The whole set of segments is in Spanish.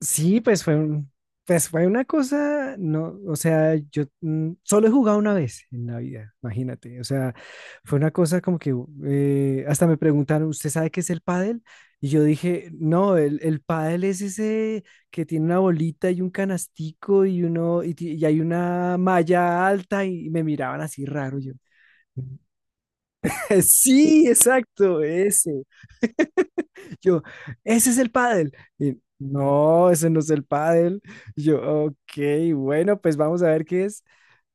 Sí, pues fue una cosa, no, o sea, yo solo he jugado una vez en la vida, imagínate, o sea, fue una cosa como que hasta me preguntaron, ¿usted sabe qué es el pádel? Y yo dije, no, el pádel es ese que tiene una bolita y un canastico y uno, y hay una malla alta y me miraban así raro yo. Sí, exacto, ese. Yo, ese es el pádel. Y, no, ese no es el pádel. Y yo, ok, bueno, pues vamos a ver qué es.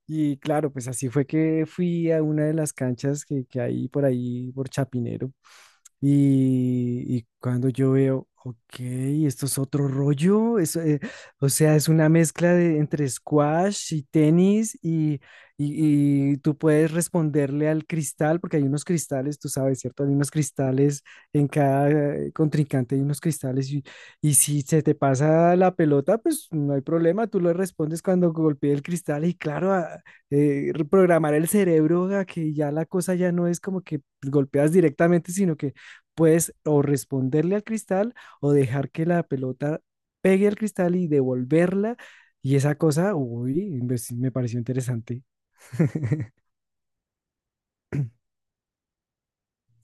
Y claro, pues así fue que fui a una de las canchas que hay por ahí, por Chapinero, y cuando yo veo, ok, esto es otro rollo, o sea, es una mezcla de, entre squash y tenis y tú puedes responderle al cristal, porque hay unos cristales, tú sabes, ¿cierto? Hay unos cristales en cada contrincante, hay unos cristales y si se te pasa la pelota, pues no hay problema, tú le respondes cuando golpee el cristal y claro, reprogramar el cerebro a que ya la cosa ya no es como que golpeas directamente, sino que puedes o responderle al cristal o dejar que la pelota pegue al cristal y devolverla. Y esa cosa, uy, me pareció interesante.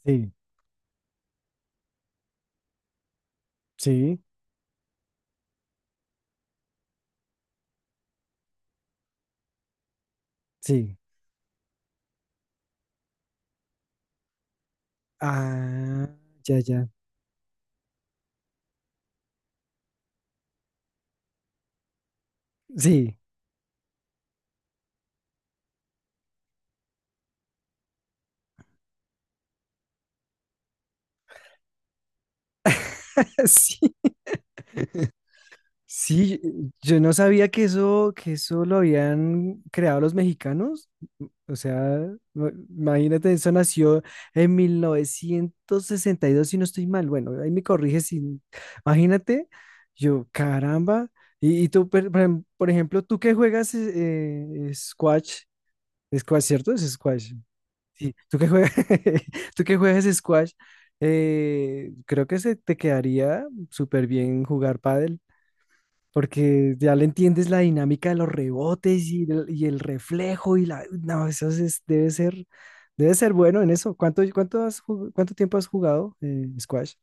Sí, sí, sí. Ah, ya, ya. Sí, sí. Sí, yo no sabía que eso lo habían creado los mexicanos. O sea, imagínate, eso nació en 1962 si no estoy mal. Bueno, ahí me corrige si. Imagínate, yo, caramba. Y tú, por ejemplo, tú que juegas squash, squash, ¿cierto? Es squash. Sí, tú que juegas, tú que juegas squash, creo que se te quedaría súper bien jugar pádel porque ya le entiendes la dinámica de los rebotes y el reflejo y la. No, eso es- debe ser bueno en eso. ¿Cuánto tiempo has jugado squash?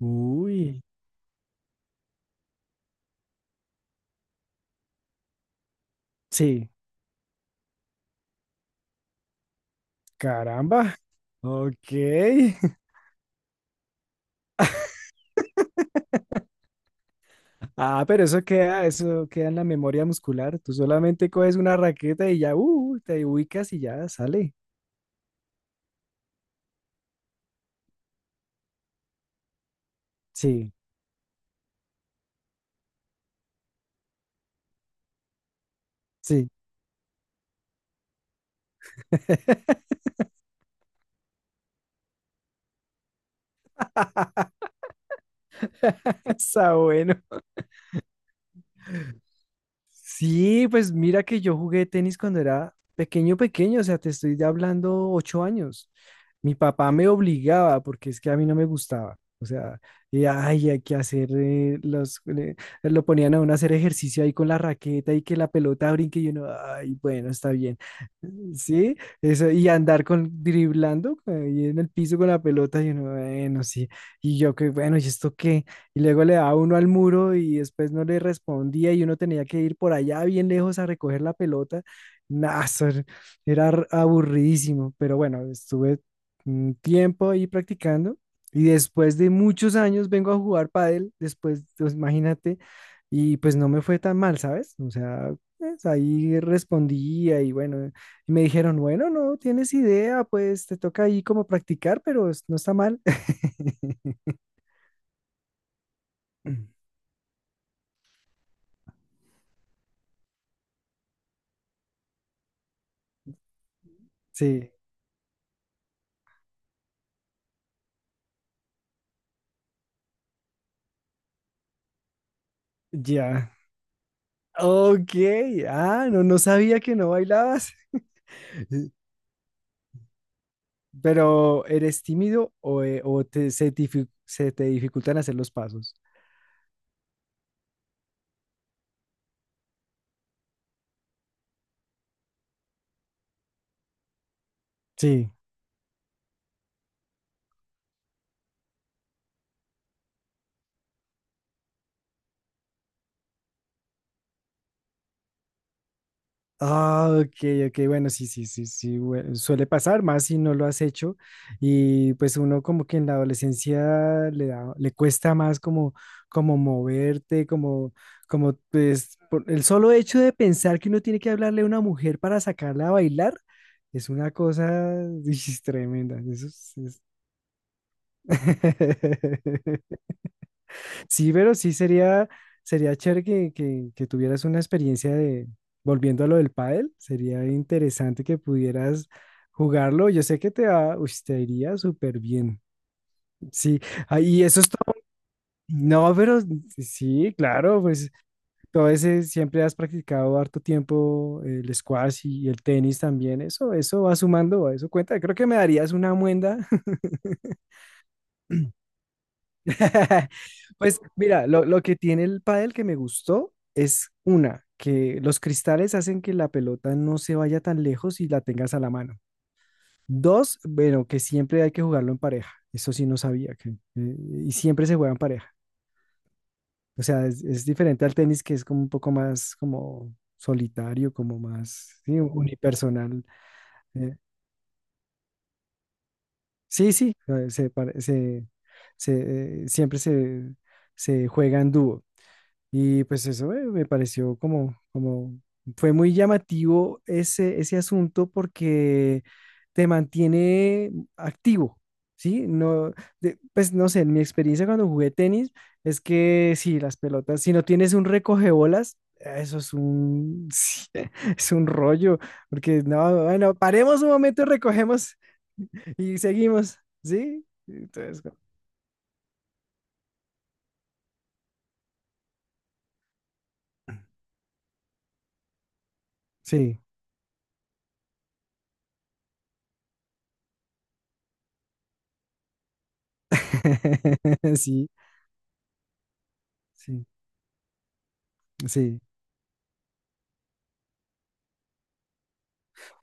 Uy, sí, caramba. Ok. Ah, pero eso queda en la memoria muscular. Tú solamente coges una raqueta y ya, te ubicas y ya sale. Sí, sí. Está bueno. Sí, pues mira que yo jugué tenis cuando era pequeño, pequeño, o sea, te estoy hablando 8 años. Mi papá me obligaba porque es que a mí no me gustaba. O sea, y, ay, hay que hacer los, lo ponían a uno a hacer ejercicio ahí con la raqueta y que la pelota brinque y uno, ay, bueno, está bien. Sí, eso, y andar con driblando ahí en el piso con la pelota y uno, bueno, sí. Y yo que, bueno, ¿y esto qué? Y luego le daba uno al muro y después no le respondía y uno tenía que ir por allá bien lejos a recoger la pelota. Nah, eso era aburridísimo, pero bueno, estuve un tiempo ahí practicando y después de muchos años vengo a jugar pádel, después, pues, imagínate, y pues no me fue tan mal, ¿sabes? O sea, pues, ahí respondía y bueno, y me dijeron, bueno, no tienes idea, pues te toca ahí como practicar, pero no está mal. Sí. Ya. Ok. Ah, no, no sabía que no bailabas. Pero, ¿eres tímido o se te dificultan hacer los pasos? Sí, ah, ok, ok, bueno, sí, sí, sí, sí, bueno, suele pasar más si no lo has hecho y pues uno como que en la adolescencia le cuesta más como, como moverte, como pues por el solo hecho de pensar que uno tiene que hablarle a una mujer para sacarla a bailar es una cosa uy, es tremenda, Sí, pero sí sería chévere que tuvieras una experiencia de, volviendo a lo del pádel, sería interesante que pudieras jugarlo. Yo sé que uy, te iría súper bien. Sí, ah, y eso es todo. No, pero sí, claro, pues todo ese siempre has practicado harto tiempo el squash y, el tenis también. Eso va sumando, eso cuenta. Creo que me darías una muenda. Pues mira, lo que tiene el pádel que me gustó es una, que los cristales hacen que la pelota no se vaya tan lejos y la tengas a la mano. Dos, bueno, que siempre hay que jugarlo en pareja. Eso sí no sabía que y siempre se juega en pareja. O sea, es diferente al tenis que es como un poco más como solitario, como más sí, unipersonal. Eh, sí, sí, se, pare- se, siempre se juega en dúo. Y pues eso me pareció fue muy llamativo ese, ese asunto porque te mantiene activo, ¿sí? No, pues no sé, en mi experiencia cuando jugué tenis es que sí, las pelotas, si no tienes un recogebolas, eso es un, sí, es un rollo, porque no, bueno, paremos un momento y recogemos y seguimos, ¿sí? Entonces, sí, sí, sí, sí.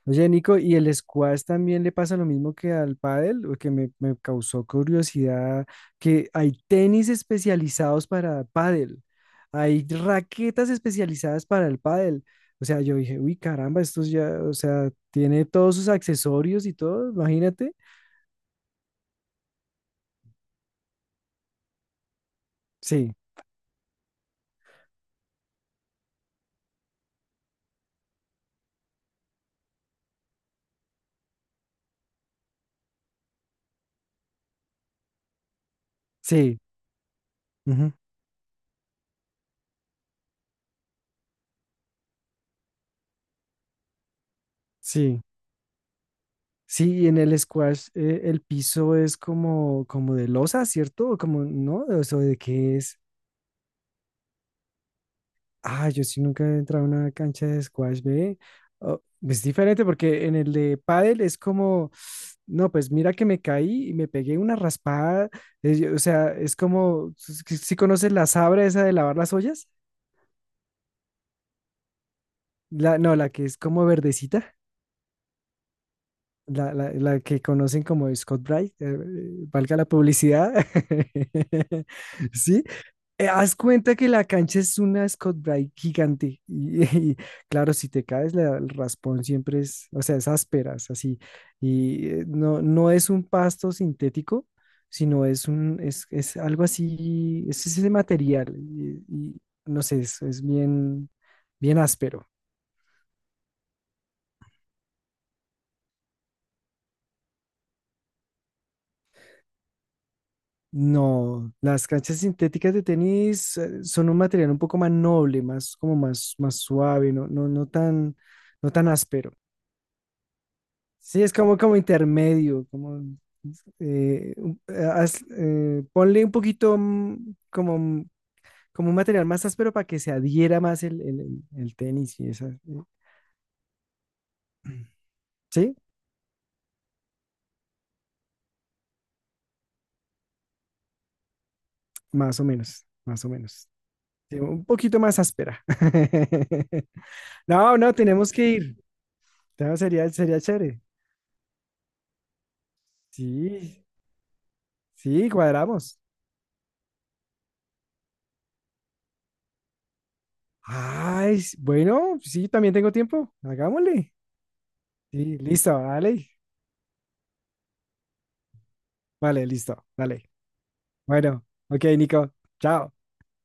Oye, Nico, ¿y el squash también le pasa lo mismo que al pádel? O que me causó curiosidad que hay tenis especializados para pádel, hay raquetas especializadas para el pádel. O sea, yo dije, uy, caramba, esto ya, o sea, tiene todos sus accesorios y todo, imagínate. Sí, sí, ujú, sí, sí, y en el squash el piso es como de losa, ¿cierto? O como, ¿no? O sea, ¿de qué es? Ah, yo sí nunca he entrado a una cancha de squash, ve. Oh, es diferente porque en el de pádel no, pues mira que me caí y me pegué una raspada. O sea, es como, ¿si conoces la sabra esa de lavar las ollas? No, la que es como verdecita, la que conocen como Scott Bright, valga la publicidad. ¿Sí? Haz cuenta que la cancha es una Scott Bright gigante. Y, y, claro, si te caes, el raspón siempre es, o sea, es ásperas, así. Y no, no es un pasto sintético, sino es algo así, es ese material. Y no sé, es bien, bien áspero. No, las canchas sintéticas de tenis son un material un poco más noble, más, como más, más suave, no, no, no tan, no tan áspero. Sí, es como intermedio, ponle un poquito como un material más áspero para que se adhiera más el tenis y esa. Sí, más o menos, más o menos. Sí, un poquito más áspera. No, no, tenemos que ir. No, sería chévere. Sí, sí, cuadramos. Ay, bueno, sí, también tengo tiempo. Hagámosle. Sí, listo, dale. Vale, listo, dale. Bueno, ok, Nico. Chao.